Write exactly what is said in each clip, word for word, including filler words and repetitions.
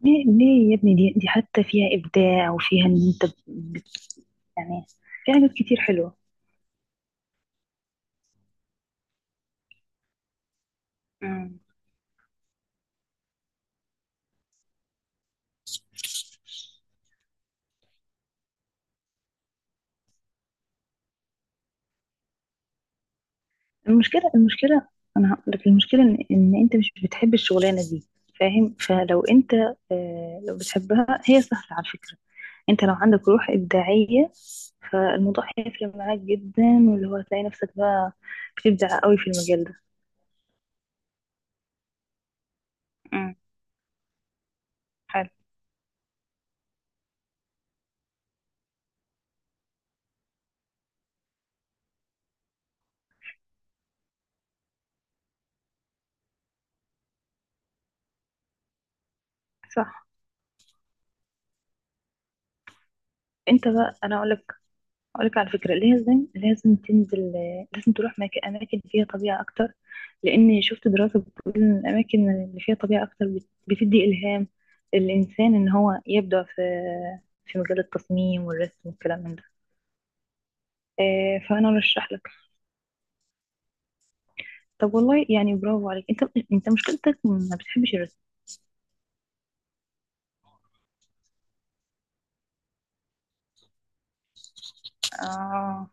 ليه ليه يا ابني، دي, دي حتى فيها إبداع وفيها إن أنت بت- يعني في حاجات كتير حلوة. مم. المشكلة المشكلة، أنا هقول لك المشكلة إن, إن أنت مش بتحب الشغلانة دي. فاهم؟ فلو أنت، آه، لو بتحبها هي سهلة على فكرة. أنت لو عندك روح إبداعية فالموضوع هيفرق معاك جدا، واللي هو هتلاقي نفسك بقى بتبدع قوي في المجال ده. مم. حلو. صح. أنت بقى أنا أقول لك، أقولك على فكرة لازم لازم تنزل، لازم تروح مك- أماكن فيها طبيعة أكتر. لأن شفت دراسة بتقول إن الأماكن اللي فيها طبيعة أكتر بت- بتدي إلهام للإنسان إن هو يبدع في في مجال التصميم والرسم والكلام من ده. آه، فأنا أرشح لك. طب والله، يعني برافو عليك. أنت أنت مشكلتك ما بتحبش الرسم. آه.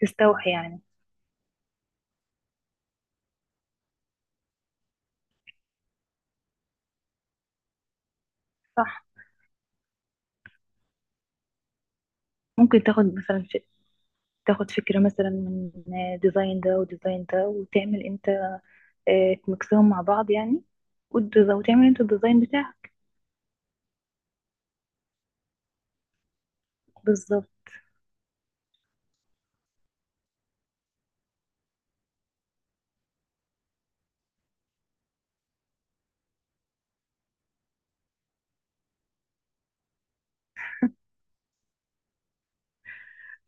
تستوحي يعني. صح. ممكن تاخد مثلا، تاخد فكرة مثلا من ديزاين ده وديزاين ده وتعمل انت، آه، تمكسهم مع بعض يعني، والديز- وتعمل انت الديزاين بتاعك. بالظبط.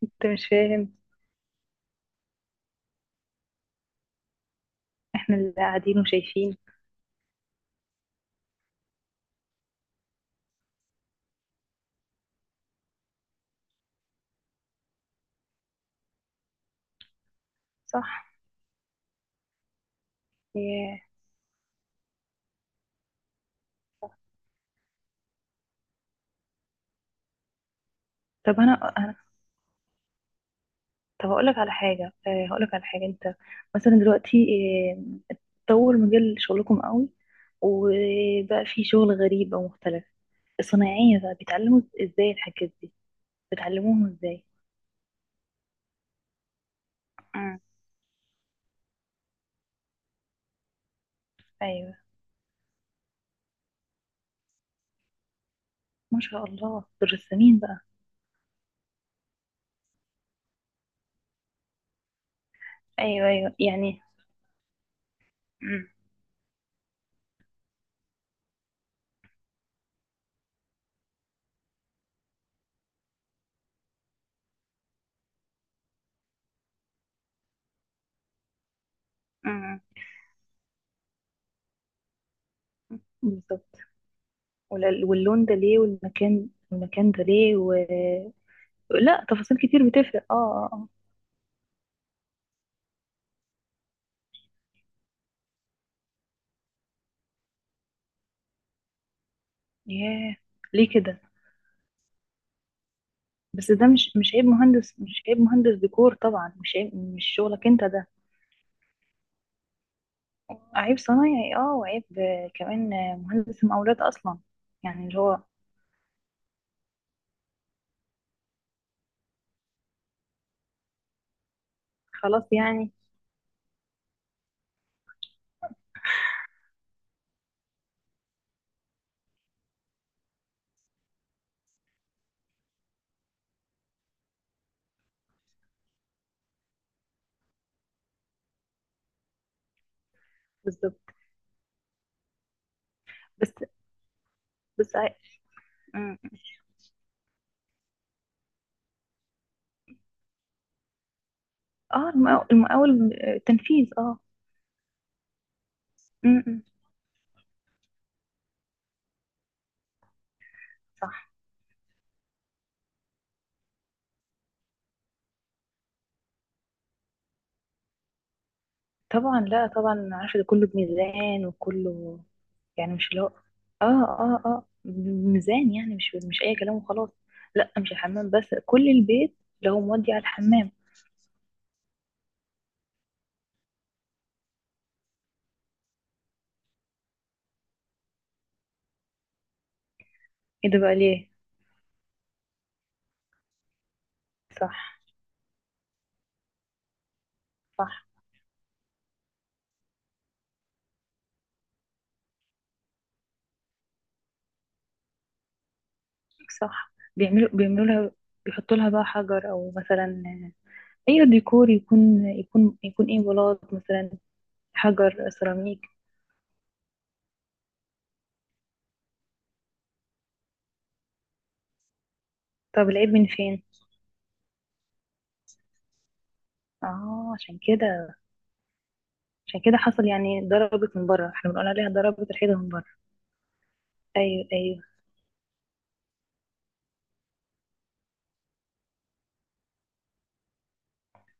انت مش فاهم احنا اللي قاعدين وشايفين. صح. ياه. طب انا انا طب هقول لك على حاجه، آه، هقول لك على حاجه. انت مثلا دلوقتي، آه، طور مجال شغلكم قوي وبقى في شغل غريب او مختلف. الصنايعيه بقى بيتعلموا ازاي الحاجات دي؟ بتعلموهم ازاي؟ امم. ايوه. ما شاء الله دول رسامين بقى. ايوه، ايوه، يعني. مم. مم. بالظبط. ولا- واللون ده ليه؟ والمكان المكان ده ليه؟ و... لا، تفاصيل كتير بتفرق. اه اه اه ياه. ليه كده؟ بس ده مش مش عيب مهندس، مش عيب مهندس ديكور طبعا، مش عيب، مش شغلك انت ده. عيب صنايعي، اه، وعيب، آه، كمان، آه، مهندس مقاولات اصلا. يعني اللي هو. خلاص يعني. بالظبط. بس بس، عي- مم. اه، المقاول المقاول، آه، تنفيذ، اه. مم، مم. صح، طبعا. لا، طبعا عارفة ده كله بميزان وكله. يعني مش اللي هو، اه اه اه بميزان يعني، مش مش اي كلام وخلاص. لا، مش الحمام بس كل البيت، لو مودي على الحمام. ايه ده بقى؟ ليه؟ صح، صح، صح. بيعملوا بيعملوا لها. بيحطوا لها بقى حجر، او مثلا اي ديكور يكون، يكون يكون ايه، بلاط مثلا، حجر سيراميك. طب العيب من فين؟ اه، عشان كده عشان كده حصل يعني ضربت من بره، احنا بنقول عليها ضربت الحيطه من بره. ايوه، ايوه.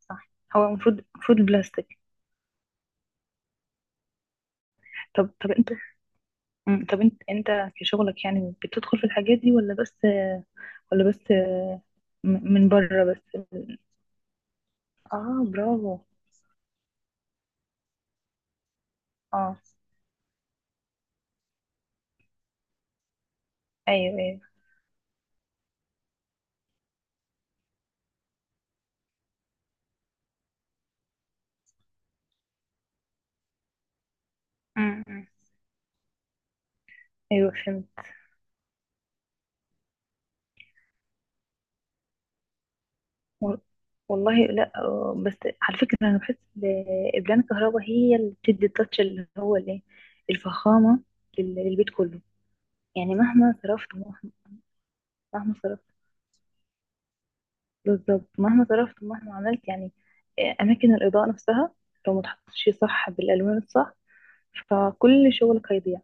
صح. هو المفروض المفروض البلاستيك. طب طب انت. مم. طب انت انت في شغلك يعني بتدخل في الحاجات دي؟ ولا بس، ولا بس م- من بره بس؟ اه، برافو. اه، ايوه، ايوه. مم. مم. ايوه، فهمت. و- والله لا، آه، بس على فكرة انا بحس ب- البلان الكهرباء هي اللي بتدي التاتش اللي هو الايه. الفخامة لل- للبيت كله. يعني مهما صرفت ومهما- مهما صرفت. بالظبط. مهما صرفت ومهما عملت يعني، آه، أماكن الإضاءة نفسها لو ما تحطش صح بالألوان الصح فكل شغلك هيضيع.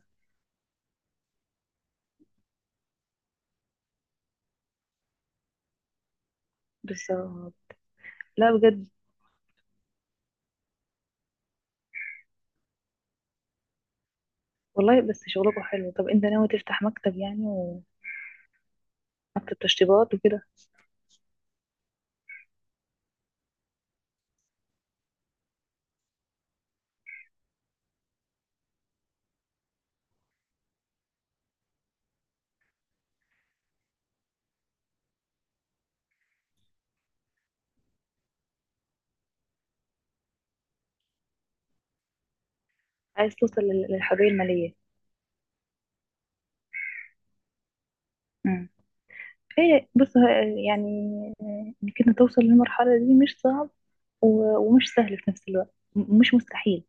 بالظبط. لا بجد، والله بس شغلكوا حلو. طب أنت ناوي تفتح مكتب يعني، ومكتب تشطيبات وكده؟ عايز توصل لل- للحرية المالية. امم. إيه، بص، آه، يعني، آه، إنك أنت توصل للمرحلة دي مش صعب و- ومش سهل في نفس الوقت، م- مش مستحيل.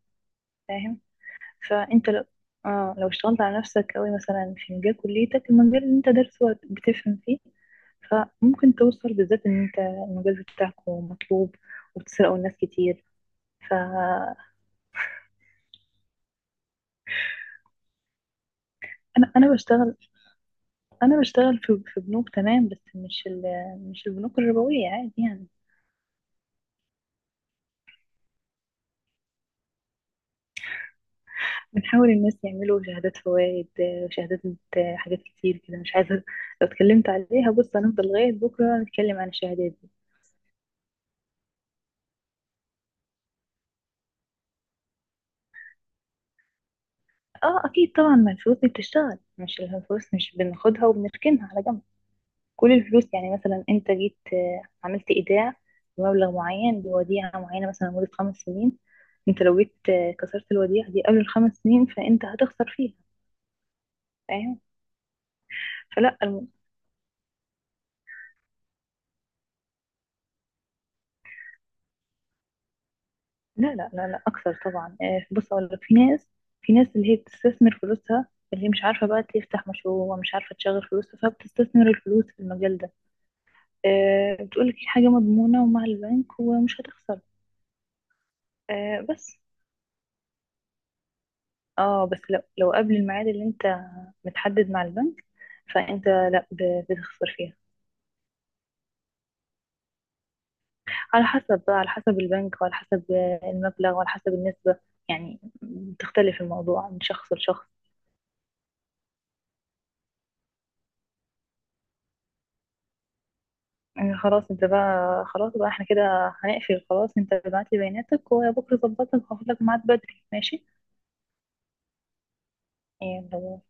فاهم؟ فانت لو، اه، لو اشتغلت على نفسك قوي مثلا في مجال كليتك، المجال اللي انت دارسه بتفهم فيه. فممكن توصل، بالذات ان انت المجال بتاعك مطلوب، وبتسرقوا الناس كتير. فانا، انا بشتغل انا بشتغل في في بنوك تمام، بس مش ال... مش البنوك الربويه عادي يعني. بنحاول الناس يعملوا شهادات فوائد، شهادات، حاجات كتير كده مش عايزه لو اتكلمت عليها. بص هنفضل لغايه بكره نتكلم عن الشهادات. اه اكيد طبعا، ما الفلوس دي بتشتغل، مش الفلوس مش بناخدها وبنركنها على جنب. كل الفلوس يعني مثلا انت جيت، آه، عملت ايداع بمبلغ معين بوديعة معينة مثلا لمدة خمس سنين. انت لو جيت، آه، كسرت الوديعة دي قبل الخمس سنين فانت هتخسر فيها. فاهم؟ فلا الم... لا، لا، لا، لا، اكثر طبعا، آه، بص اقول لك. في ناس في ناس اللي هي بتستثمر فلوسها، اللي هي مش عارفة بقى تفتح مشروع ومش عارفة تشغل فلوسها، فبتستثمر الفلوس في المجال ده. آه، بتقولك هي حاجة مضمونة ومع البنك ومش هتخسر. آه بس، اه بس، لو لو قبل الميعاد اللي انت متحدد مع البنك فانت لا ب- بتخسر فيها. على حسب بقى، على حسب البنك وعلى حسب المبلغ وعلى حسب النسبة. يعني بتختلف الموضوع من شخص لشخص. يعني خلاص انت بقى، خلاص بقى احنا كده هنقفل، خلاص انت ابعت لي بياناتك وبكره ظبطك وهاخد لك ميعاد بدري، ماشي يعني.